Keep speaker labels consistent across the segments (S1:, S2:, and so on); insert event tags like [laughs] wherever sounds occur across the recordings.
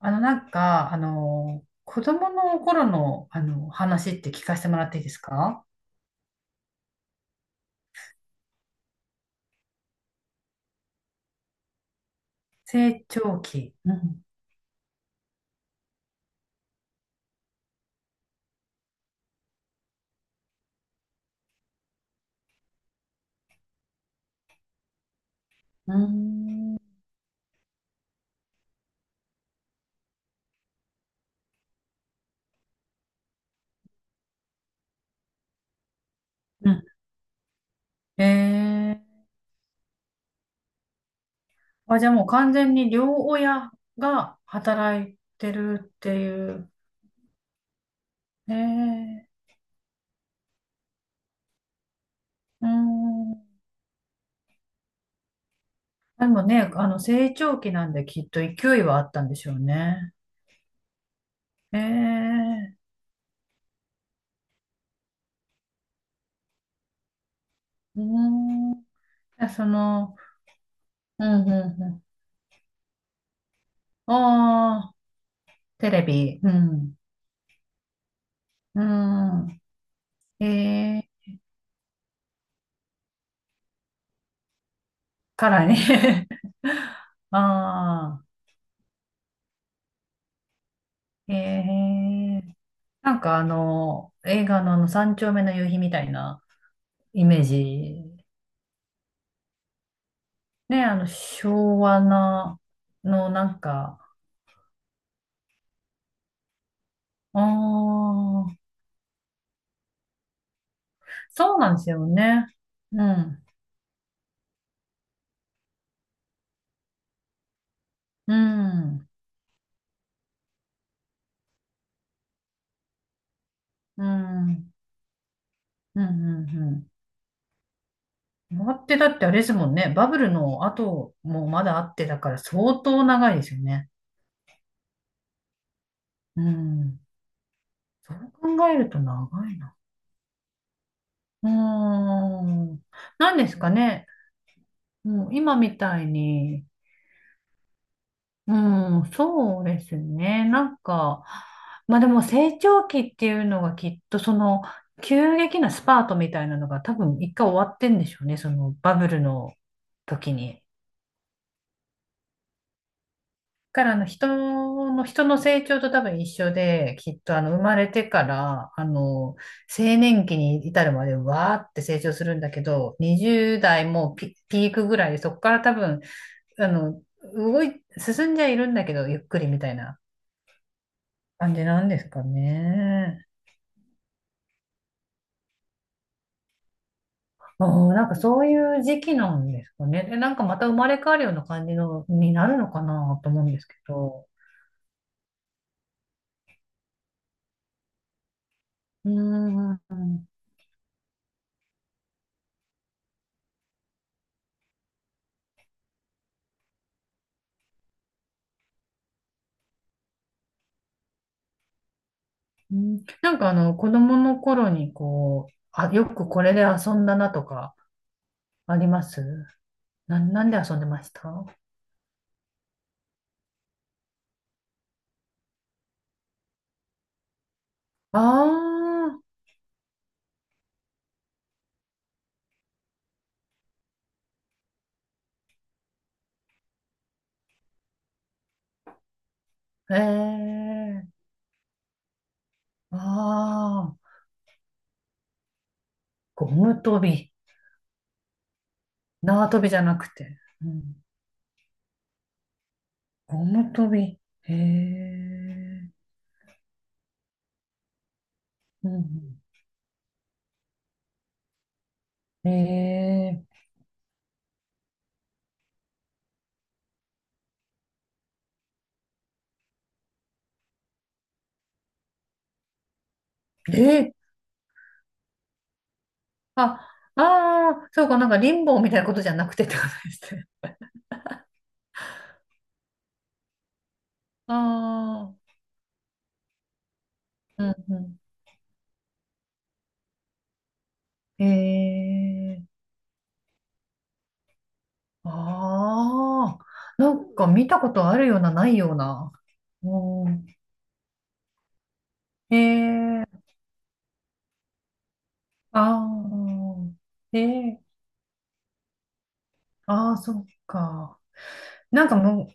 S1: 子供の頃の、話って聞かせてもらっていいですか？成長期。うん。うーん。うん。えあ、じゃあもう完全に両親が働いてるっていう。えー、うーん。でもね、成長期なんできっと勢いはあったんでしょうね。えー、うーん。じゃその、うん、うん、うん。ああ、テレビ。うん。うん。えーからね。 [laughs] ああ、へえ。映画の三丁目の夕日みたいなイメージ。ね、昭和な、のなんか、ああ、そうなんですよね。うん、うん、うん、うん、うん、うん。終わってだってあれですもんね。バブルの後もまだあってだから相当長いですよね。うん。そう考えると長いな。うーん。何ですかね。もう今みたいに。うん、そうですね。なんか、まあでも成長期っていうのがきっとその急激なスパートみたいなのが多分一回終わってんでしょうね。そのバブルの時に。だから人の、人の成長と多分一緒で、きっと生まれてから、青年期に至るまでわーって成長するんだけど、20代もピークぐらいで、そこから多分あの、進んじゃいるんだけど、ゆっくりみたいな感じなんですかね。ああ、なんかそういう時期なんですかね。で、なんかまた生まれ変わるような感じのになるのかなと思うんですけど。うーん。うん、なんか子供の頃にこう、あ、よくこれで遊んだなとか、ありますな、なんで遊んでましたあ、あー、ええ、ああ、ゴム跳び、縄跳びじゃなくて。うん、ゴム跳び。へえ。うんうん。へえ。え、あ、ああ、そうか、なんかリンボーみたいなことじゃなくてってことですね。[laughs] ああ、うんうん。へえ。ああ、なんか見たことあるような、ないような。うん。へえ。ああ、ええ。ああ、そっか。なんかむ、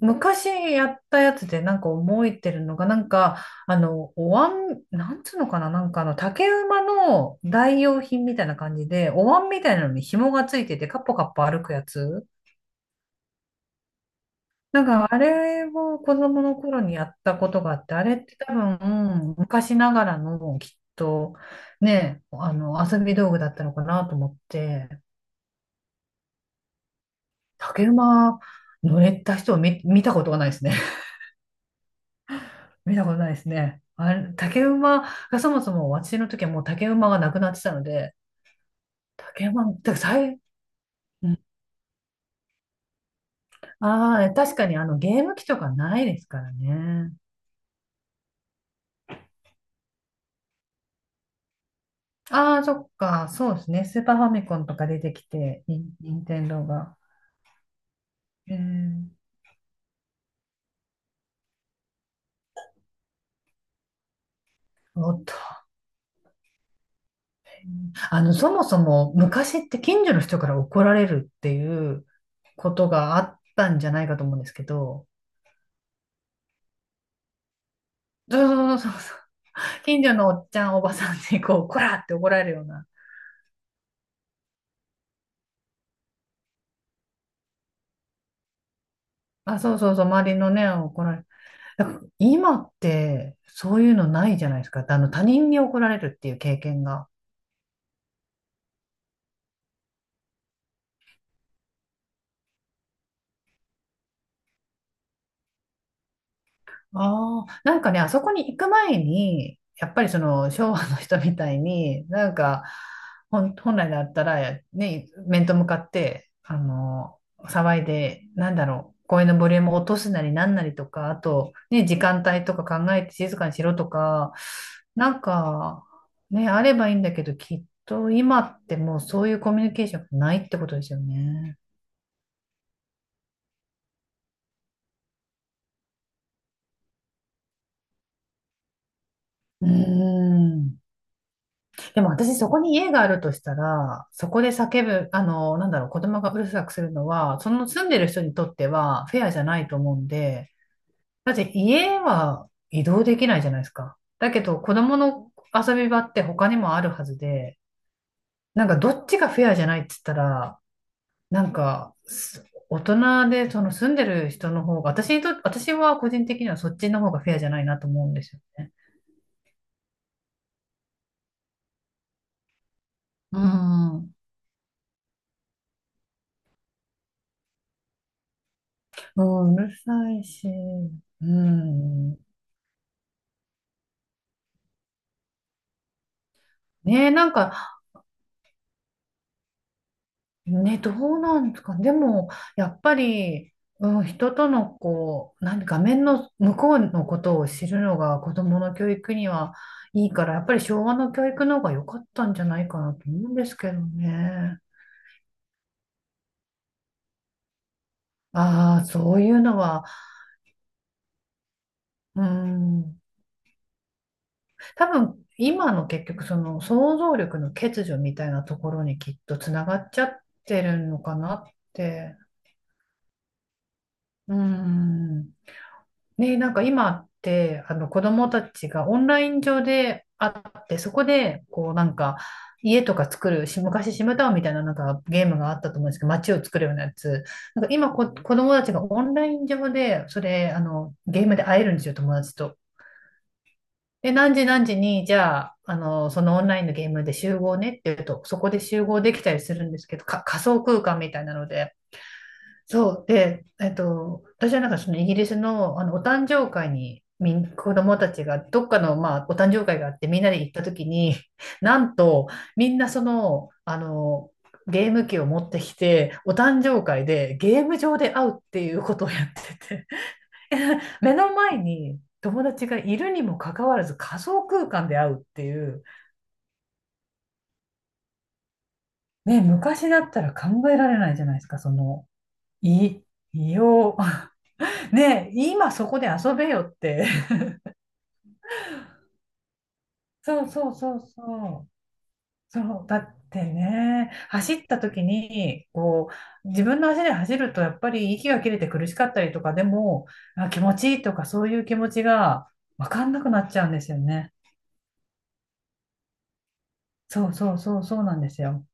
S1: 昔やったやつでなんか覚えてるのが、なんか、お椀、なんつうのかな、なんか竹馬の代用品みたいな感じで、お椀みたいなのに紐がついてて、カッポカッポ歩くやつ。なんか、あれを子供の頃にやったことがあって、あれって多分、昔ながらの、きっと、ね、遊び道具だったのかなと思って、竹馬乗れた人を見たことがないですね。見たことないですね。あれ、竹馬がそもそも私の時はもう竹馬がなくなってたので、竹馬、てか最、ああー、確かにあのゲーム機とかないですからね。ああ、そっか、そうですね。スーパーファミコンとか出てきて、ニンテンドーが。えー、おっと。そもそも昔って近所の人から怒られるっていうことがあったんじゃないかと思うんですけど、そうそうそうそう。近所のおっちゃん、おばさんにこう、こらって怒られるような、あ、そうそうそう、周りのね、怒られる。だから今って、そういうのないじゃないですか。他人に怒られるっていう経験が。ああ、なんかね、あそこに行く前に、やっぱりその昭和の人みたいに、なんか、本来だったら、ね、面と向かって、騒いで、なんだろう、声のボリュームを落とすなりなんなりとか、あと、ね、時間帯とか考えて静かにしろとか、なんか、ね、あればいいんだけど、きっと今ってもうそういうコミュニケーションがないってことですよね。うーん。でも私そこに家があるとしたら、そこで叫ぶ、なんだろう、子供がうるさくするのは、その住んでる人にとってはフェアじゃないと思うんで、だって家は移動できないじゃないですか。だけど子供の遊び場って他にもあるはずで、なんかどっちがフェアじゃないって言ったら、なんか大人でその住んでる人の方が、私にと、私は個人的にはそっちの方がフェアじゃないなと思うんですよね。うん。うん、うるさいし、うん。ねえ、なんか、ね、どうなんですかね。でも、やっぱり、うん、人との、こう、画面の向こうのことを知るのが子供の教育にはいいから、やっぱり昭和の教育の方が良かったんじゃないかなと思うんですけどね。ああ、そういうのは、うん、多分、今の結局、その想像力の欠如みたいなところにきっとつながっちゃってるのかなって。うん、ね、なんか今って、あの子供たちがオンライン上で会って、そこで、こうなんか、家とか作る、し昔シムタウンみたいななんかゲームがあったと思うんですけど、街を作るようなやつ。なんか今子供たちがオンライン上で、それ、ゲームで会えるんですよ、友達と。で、何時何時に、じゃあ、そのオンラインのゲームで集合ねって言うと、そこで集合できたりするんですけど、仮想空間みたいなので。そう。で、えっと、私はなんかそのイギリスの、お誕生会に子供たちがどっかの、まあ、お誕生会があってみんなで行った時に、[laughs] なんとみんなその、ゲーム機を持ってきて、お誕生会でゲーム上で会うっていうことをやってて、[laughs] 目の前に友達がいるにもかかわらず仮想空間で会うっていう、ね、昔だったら考えられないじゃないですか、その、い、異様。ねえ、今そこで遊べよって。[laughs] そうそうそうそう。そう、だってね、走った時に、こう、自分の足で走ると、やっぱり息が切れて苦しかったりとか、でも、あ、気持ちいいとか、そういう気持ちが分かんなくなっちゃうんですよね。そうそうそう、そうなんですよ。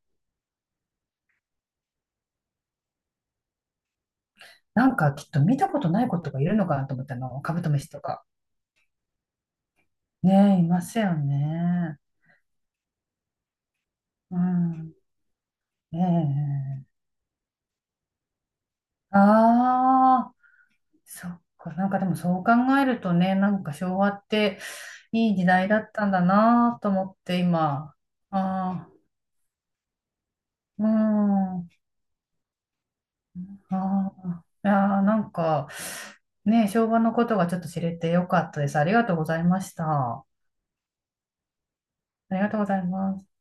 S1: なんか、きっと見たことない子とかいるのかなと思ったの、カブトムシとか。ねえ、いますよね。うん。ええ。あ、そっか。なんかでもそう考えるとね、なんか昭和っていい時代だったんだなと思って今。ああ、うん。ああ。いやーなんか、ね、昭和のことがちょっと知れてよかったです。ありがとうございました。ありがとうございます。